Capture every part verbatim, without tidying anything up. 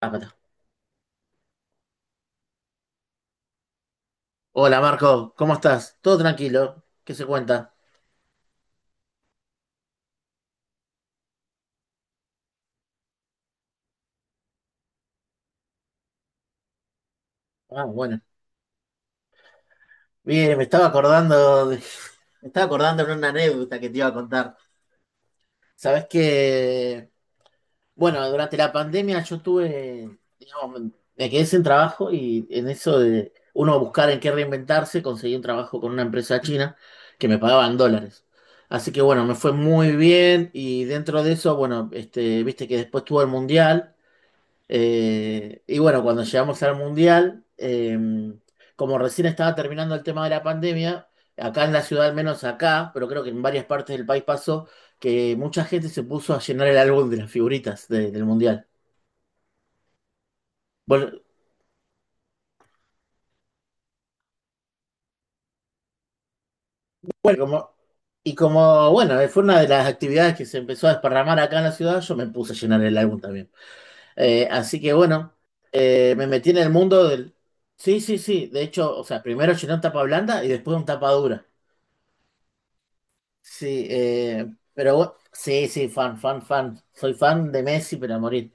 Acá está. Hola Marco, ¿cómo estás? ¿Todo tranquilo? ¿Qué se cuenta? Ah, bueno. Bien, me estaba acordando de... me estaba acordando de una anécdota que te iba a contar. Sabes que, bueno, durante la pandemia yo tuve, digamos, me me quedé sin trabajo y en eso de uno buscar en qué reinventarse, conseguí un trabajo con una empresa china que me pagaban dólares. Así que bueno, me fue muy bien y dentro de eso, bueno, este, viste que después tuvo el Mundial. Eh, y bueno, cuando llegamos al Mundial, eh, como recién estaba terminando el tema de la pandemia, acá en la ciudad, al menos acá, pero creo que en varias partes del país pasó, que mucha gente se puso a llenar el álbum de las figuritas de- del Mundial. Bueno, bueno, como, y como, bueno, eh, fue una de las actividades que se empezó a desparramar acá en la ciudad, yo me puse a llenar el álbum también. Eh, así que bueno, eh, me metí en el mundo del... Sí, sí, sí, de hecho, o sea, primero llené un tapa blanda y después un tapa dura. Sí, eh, pero bu- sí, sí, fan, fan, fan. Soy fan de Messi, pero a morir.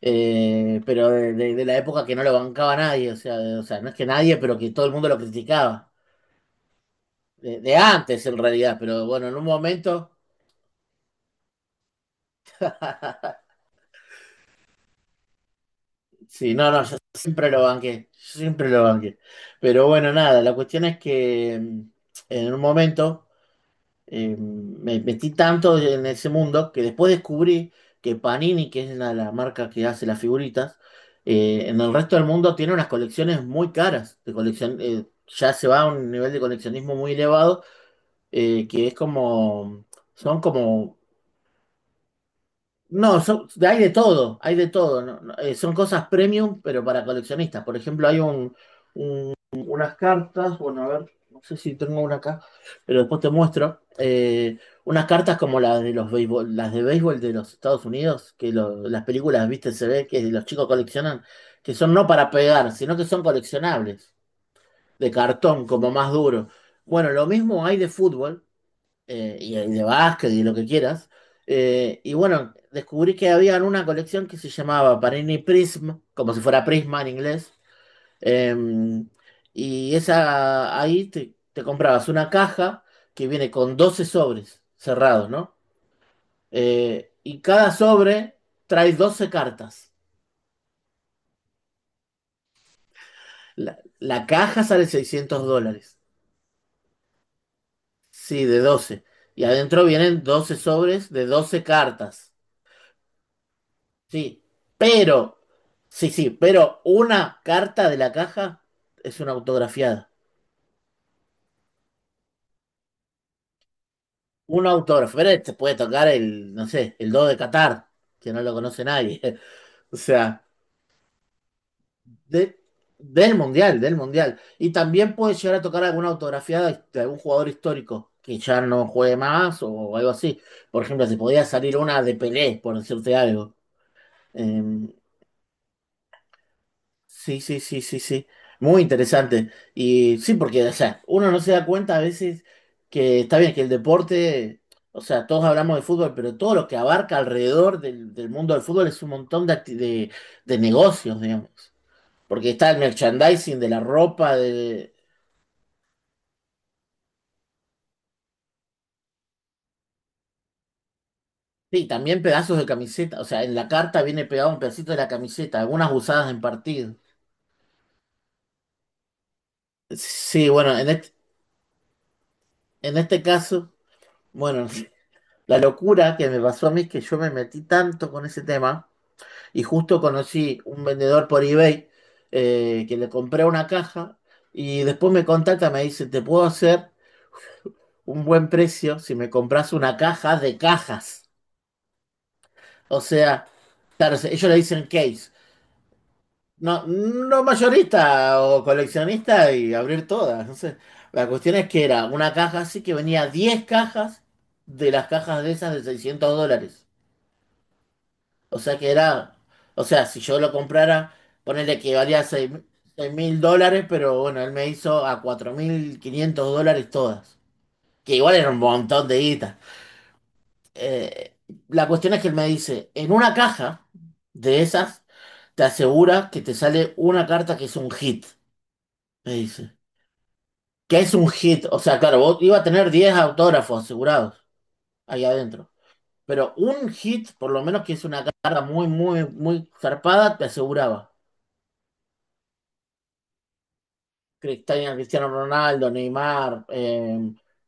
Eh, pero de, de- de la época que no lo bancaba nadie, o sea, de- o sea, no es que nadie, pero que todo el mundo lo criticaba. De, de antes, en realidad, pero bueno, en un momento, sí, no, no, yo siempre lo banqué, siempre lo banqué. Pero bueno, nada, la cuestión es que mm, en un momento. Eh, me metí tanto en ese mundo que después descubrí que Panini, que es la, la marca que hace las figuritas, eh, en el resto del mundo tiene unas colecciones muy caras, de colección eh, ya se va a un nivel de coleccionismo muy elevado, eh, que es como, son como, no, son- hay de todo, hay de todo, no- no, eh, son cosas premium, pero para coleccionistas. Por ejemplo, hay un unas cartas, bueno, a ver, no sé si tengo una acá, pero después te muestro. Eh, unas cartas como las de los béisbol, las de béisbol de los Estados Unidos, que lo- las películas, viste, se ve que los chicos coleccionan, que son no para pegar, sino que son coleccionables, de cartón, como más duro. Bueno, lo mismo hay de fútbol, eh, y hay de básquet y lo que quieras. Eh, y bueno, descubrí que había una colección que se llamaba Panini Prism, como si fuera Prisma en inglés. Em, y esa, ahí te, te comprabas una caja que viene con doce sobres cerrados, ¿no? Eh, y cada sobre trae doce cartas. La, la caja sale seiscientos dólares. Sí, de doce. Y adentro vienen doce sobres de doce cartas. Sí, pero, sí, sí, pero una carta de la caja es una autografiada. Un autógrafo, pero te puede tocar el, no sé, el do de Qatar, que no lo conoce nadie. O sea, de, del Mundial, del Mundial. Y también puede llegar a tocar alguna autografía de, de algún jugador histórico que ya no juegue más o algo así. Por ejemplo, se podía salir una de Pelé, por decirte algo. Eh, sí, sí, sí, sí, sí. Muy interesante. Y sí, porque, o sea, uno no se da cuenta a veces que está bien que el deporte, o sea, todos hablamos de fútbol, pero todo lo que abarca alrededor del, del mundo del fútbol es un montón de, acti- de, de negocios, digamos. Porque está el merchandising de la ropa, de... Sí, también pedazos de camiseta. O sea, en la carta viene pegado un pedacito de la camiseta, algunas usadas en partido. Sí, bueno, en este, en este caso, bueno, la locura que me pasó a mí es que yo me metí tanto con ese tema y justo conocí un vendedor por eBay eh, que le compré una caja y después me contacta, me dice, te puedo hacer un buen precio si me compras una caja de cajas. O sea, claro, ellos le dicen case. No, no mayorista o coleccionista y abrir todas. No sé. La cuestión es que era una caja así que venía diez cajas de las cajas de esas de seiscientos dólares. O sea que era, o sea, si yo lo comprara, ponele que valía seis mil dólares, pero bueno, él me hizo a cuatro mil quinientos dólares todas. Que igual era un montón de guita. Eh, la cuestión es que él me dice, en una caja de esas, te asegura que te sale una carta que es un hit, me dice. Que es un hit. O sea, claro, vos iba a tener diez autógrafos asegurados ahí adentro. Pero un hit, por lo menos que es una carga muy, muy, muy zarpada, te aseguraba. Cristiano, Cristiano Ronaldo, Neymar, eh,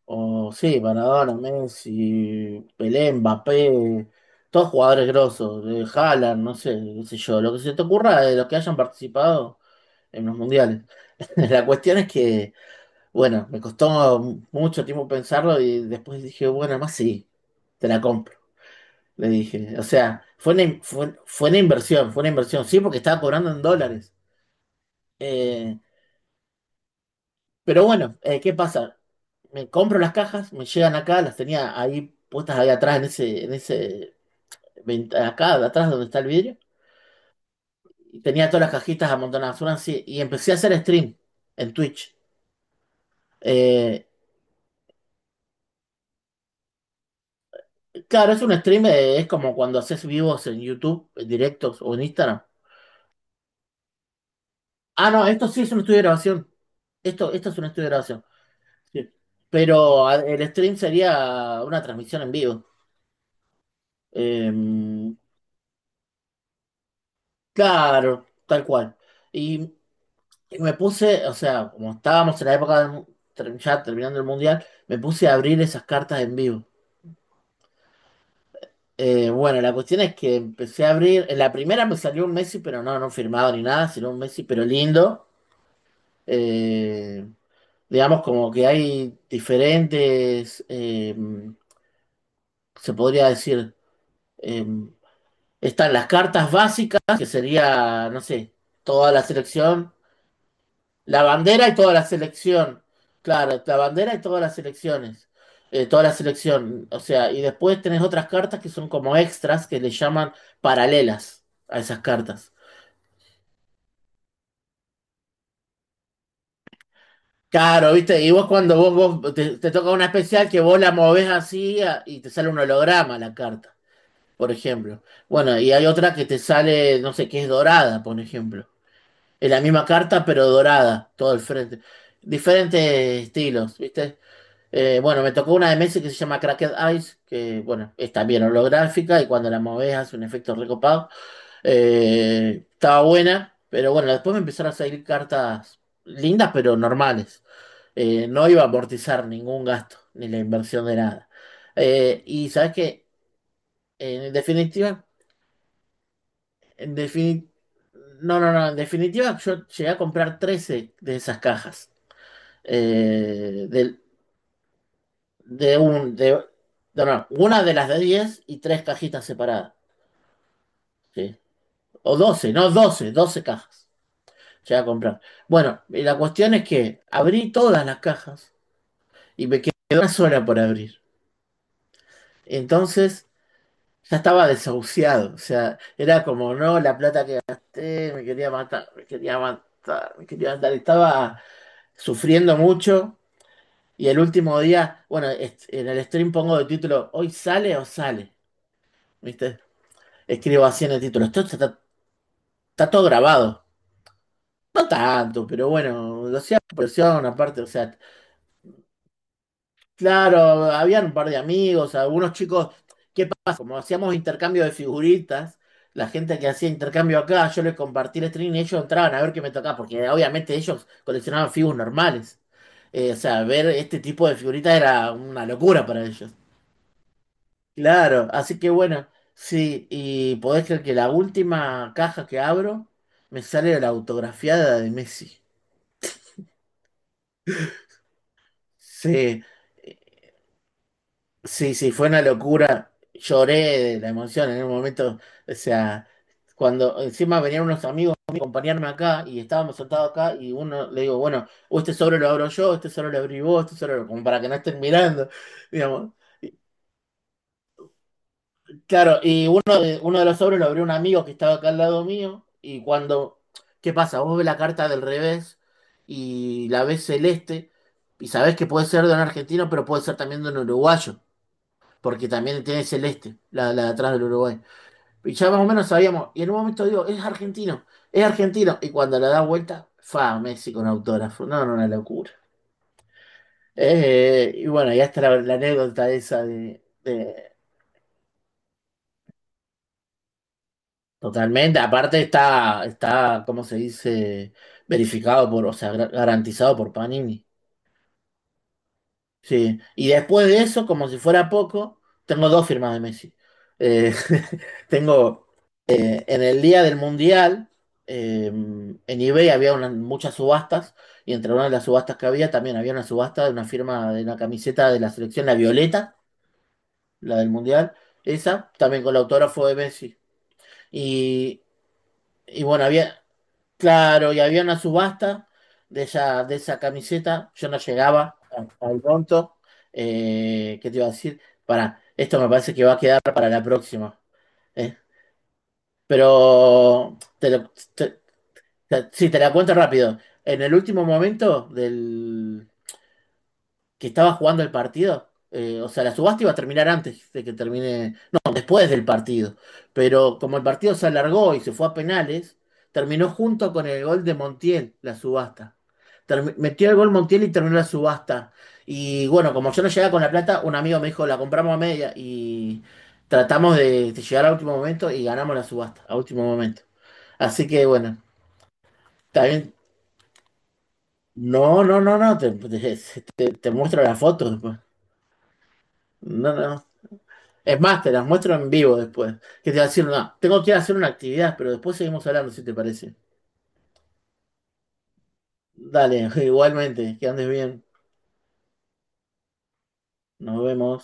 o sí, Maradona, Messi, Pelé, Mbappé, todos jugadores grosos, eh, Haaland, no sé, qué sé yo, lo que se te ocurra de los que hayan participado en los mundiales. La cuestión es que bueno, me costó mucho tiempo pensarlo y después dije, bueno, más sí, te la compro. Le dije, o sea, fue una, in- fue, fue una inversión, fue una inversión, sí, porque estaba cobrando en dólares. Eh, pero bueno, eh, ¿qué pasa? Me compro las cajas, me llegan acá, las tenía ahí puestas ahí atrás, en ese, en ese, vent- acá, de atrás donde está el vidrio. Y tenía todas las cajitas amontonadas, una así, y empecé a hacer stream en Twitch. Eh, Claro, es un stream, eh, es como cuando haces vivos en YouTube, en directos o en Instagram. Ah, no, esto sí es un estudio de grabación. Esto, esto es un estudio de grabación. Sí. Pero a- el stream sería una transmisión en vivo. Em, claro, tal cual. Y, y me puse, o sea, como estábamos en la época del mu- ter- ya terminando el Mundial, me puse a abrir esas cartas en vivo. Eh, bueno, la cuestión es que empecé a abrir, en la primera me salió un Messi, pero no, no firmado ni nada, sino un Messi, pero lindo. Eh, digamos, como que hay diferentes, eh, se podría decir, eh, están las cartas básicas, que sería, no sé, toda la selección, la bandera y toda la selección, claro, la bandera y todas las selecciones, eh, toda la selección, o sea, y después tenés otras cartas que son como extras, que le llaman paralelas a esas cartas. Claro, viste, y vos cuando vos, vos te, te toca una especial que vos la movés así a- y te sale un holograma la carta, por ejemplo. Bueno, y hay otra que te sale, no sé, que es dorada, por ejemplo. Es la misma carta, pero dorada, todo el frente. Diferentes estilos, viste. Eh, bueno, me tocó una de Messi que se llama Cracked Ice, que bueno, es también holográfica y cuando la movés hace un efecto recopado. Eh, estaba buena, pero bueno, después me empezaron a salir cartas lindas, pero normales. Eh, no iba a amortizar ningún gasto, ni la inversión de nada. Eh, y sabes que, en definitiva, en defini- no, no, no, en definitiva, yo llegué a comprar trece de esas cajas. Eh, del- de, un, de, no, no, una de las de diez y tres cajitas separadas. ¿Sí? O doce no, doce doce cajas. Llegué a comprar. Bueno, y la cuestión es que abrí todas las cajas y me quedó una sola por abrir. Entonces, ya estaba desahuciado, o sea, era como, no, la plata que gasté, me quería matar, me quería matar, me quería matar. Estaba sufriendo mucho y el último día, bueno, est- en el stream pongo de título, ¿hoy sale o sale? ¿Viste? Escribo así en el título, esto está, está todo grabado. No tanto, pero bueno, lo hacía por presión aparte, o sea, claro, habían un par de amigos, algunos chicos, ¿qué pasa? Como hacíamos intercambio de figuritas, la gente que hacía intercambio acá, yo les compartí el stream y ellos entraban a ver qué me tocaba, porque obviamente ellos coleccionaban figuras normales. Eh, o sea, ver este tipo de figuritas era una locura para ellos. Claro, así que bueno, sí, y podés creer que la última caja que abro me sale la autografiada de Messi. Sí, sí, sí, fue una locura. Lloré de la emoción en un momento. O sea, cuando encima venían unos amigos a acompañarme acá y estábamos sentados acá y uno le digo, bueno, o este sobre lo abro yo, este sobre lo abrí vos, este sobre lo... como para que no estén mirando, digamos. Claro, y uno de, uno de los sobres lo abrió un amigo que estaba acá al lado mío y cuando, ¿qué pasa? Vos ves la carta del revés y la ves celeste y sabés que puede ser de un argentino, pero puede ser también de un uruguayo. Porque también tiene celeste, la, la de atrás del Uruguay. Y ya más o menos sabíamos, y en un momento digo, es argentino, es argentino, y cuando la da vuelta, fa, Messi con autógrafo, no, no, una locura. Eh, y bueno, ya está la, la anécdota esa de, de- Totalmente, aparte está, está, ¿cómo se dice? Verificado por, o sea, gar- garantizado por Panini. Sí, y después de eso, como si fuera poco, tengo dos firmas de Messi. Eh, tengo eh, en el día del Mundial, eh, en eBay había una- muchas subastas, y entre una de las subastas que había también había una subasta de una firma de una camiseta de la selección, la Violeta, la del Mundial, esa, también con el autógrafo de Messi. Y, y bueno, había. Claro, y había una subasta de esa, de esa camiseta. Yo no llegaba a- al pronto. Eh, ¿qué te iba a decir? Para, esto me parece que va a quedar para la próxima. eh. Pero te, lo- te- te- sí, te la cuento rápido. En el último momento del, que estaba jugando el partido. Eh, o sea, la subasta iba a terminar antes de que termine, no, después del partido. Pero como el partido se alargó y se fue a penales, terminó junto con el gol de Montiel, la subasta. Termi- metió el gol Montiel y terminó la subasta. Y bueno, como yo no llegaba con la plata, un amigo me dijo, la compramos a media y tratamos de, de llegar a último momento y ganamos la subasta, a último momento. Así que bueno, también... No, no, no, no, te, te- te- te muestro la foto después. No, no, no. Es más, te las muestro en vivo después. Que te voy a decir una. Tengo que ir a hacer una actividad, pero después seguimos hablando, si te parece. Dale, igualmente, que andes bien. Nos vemos.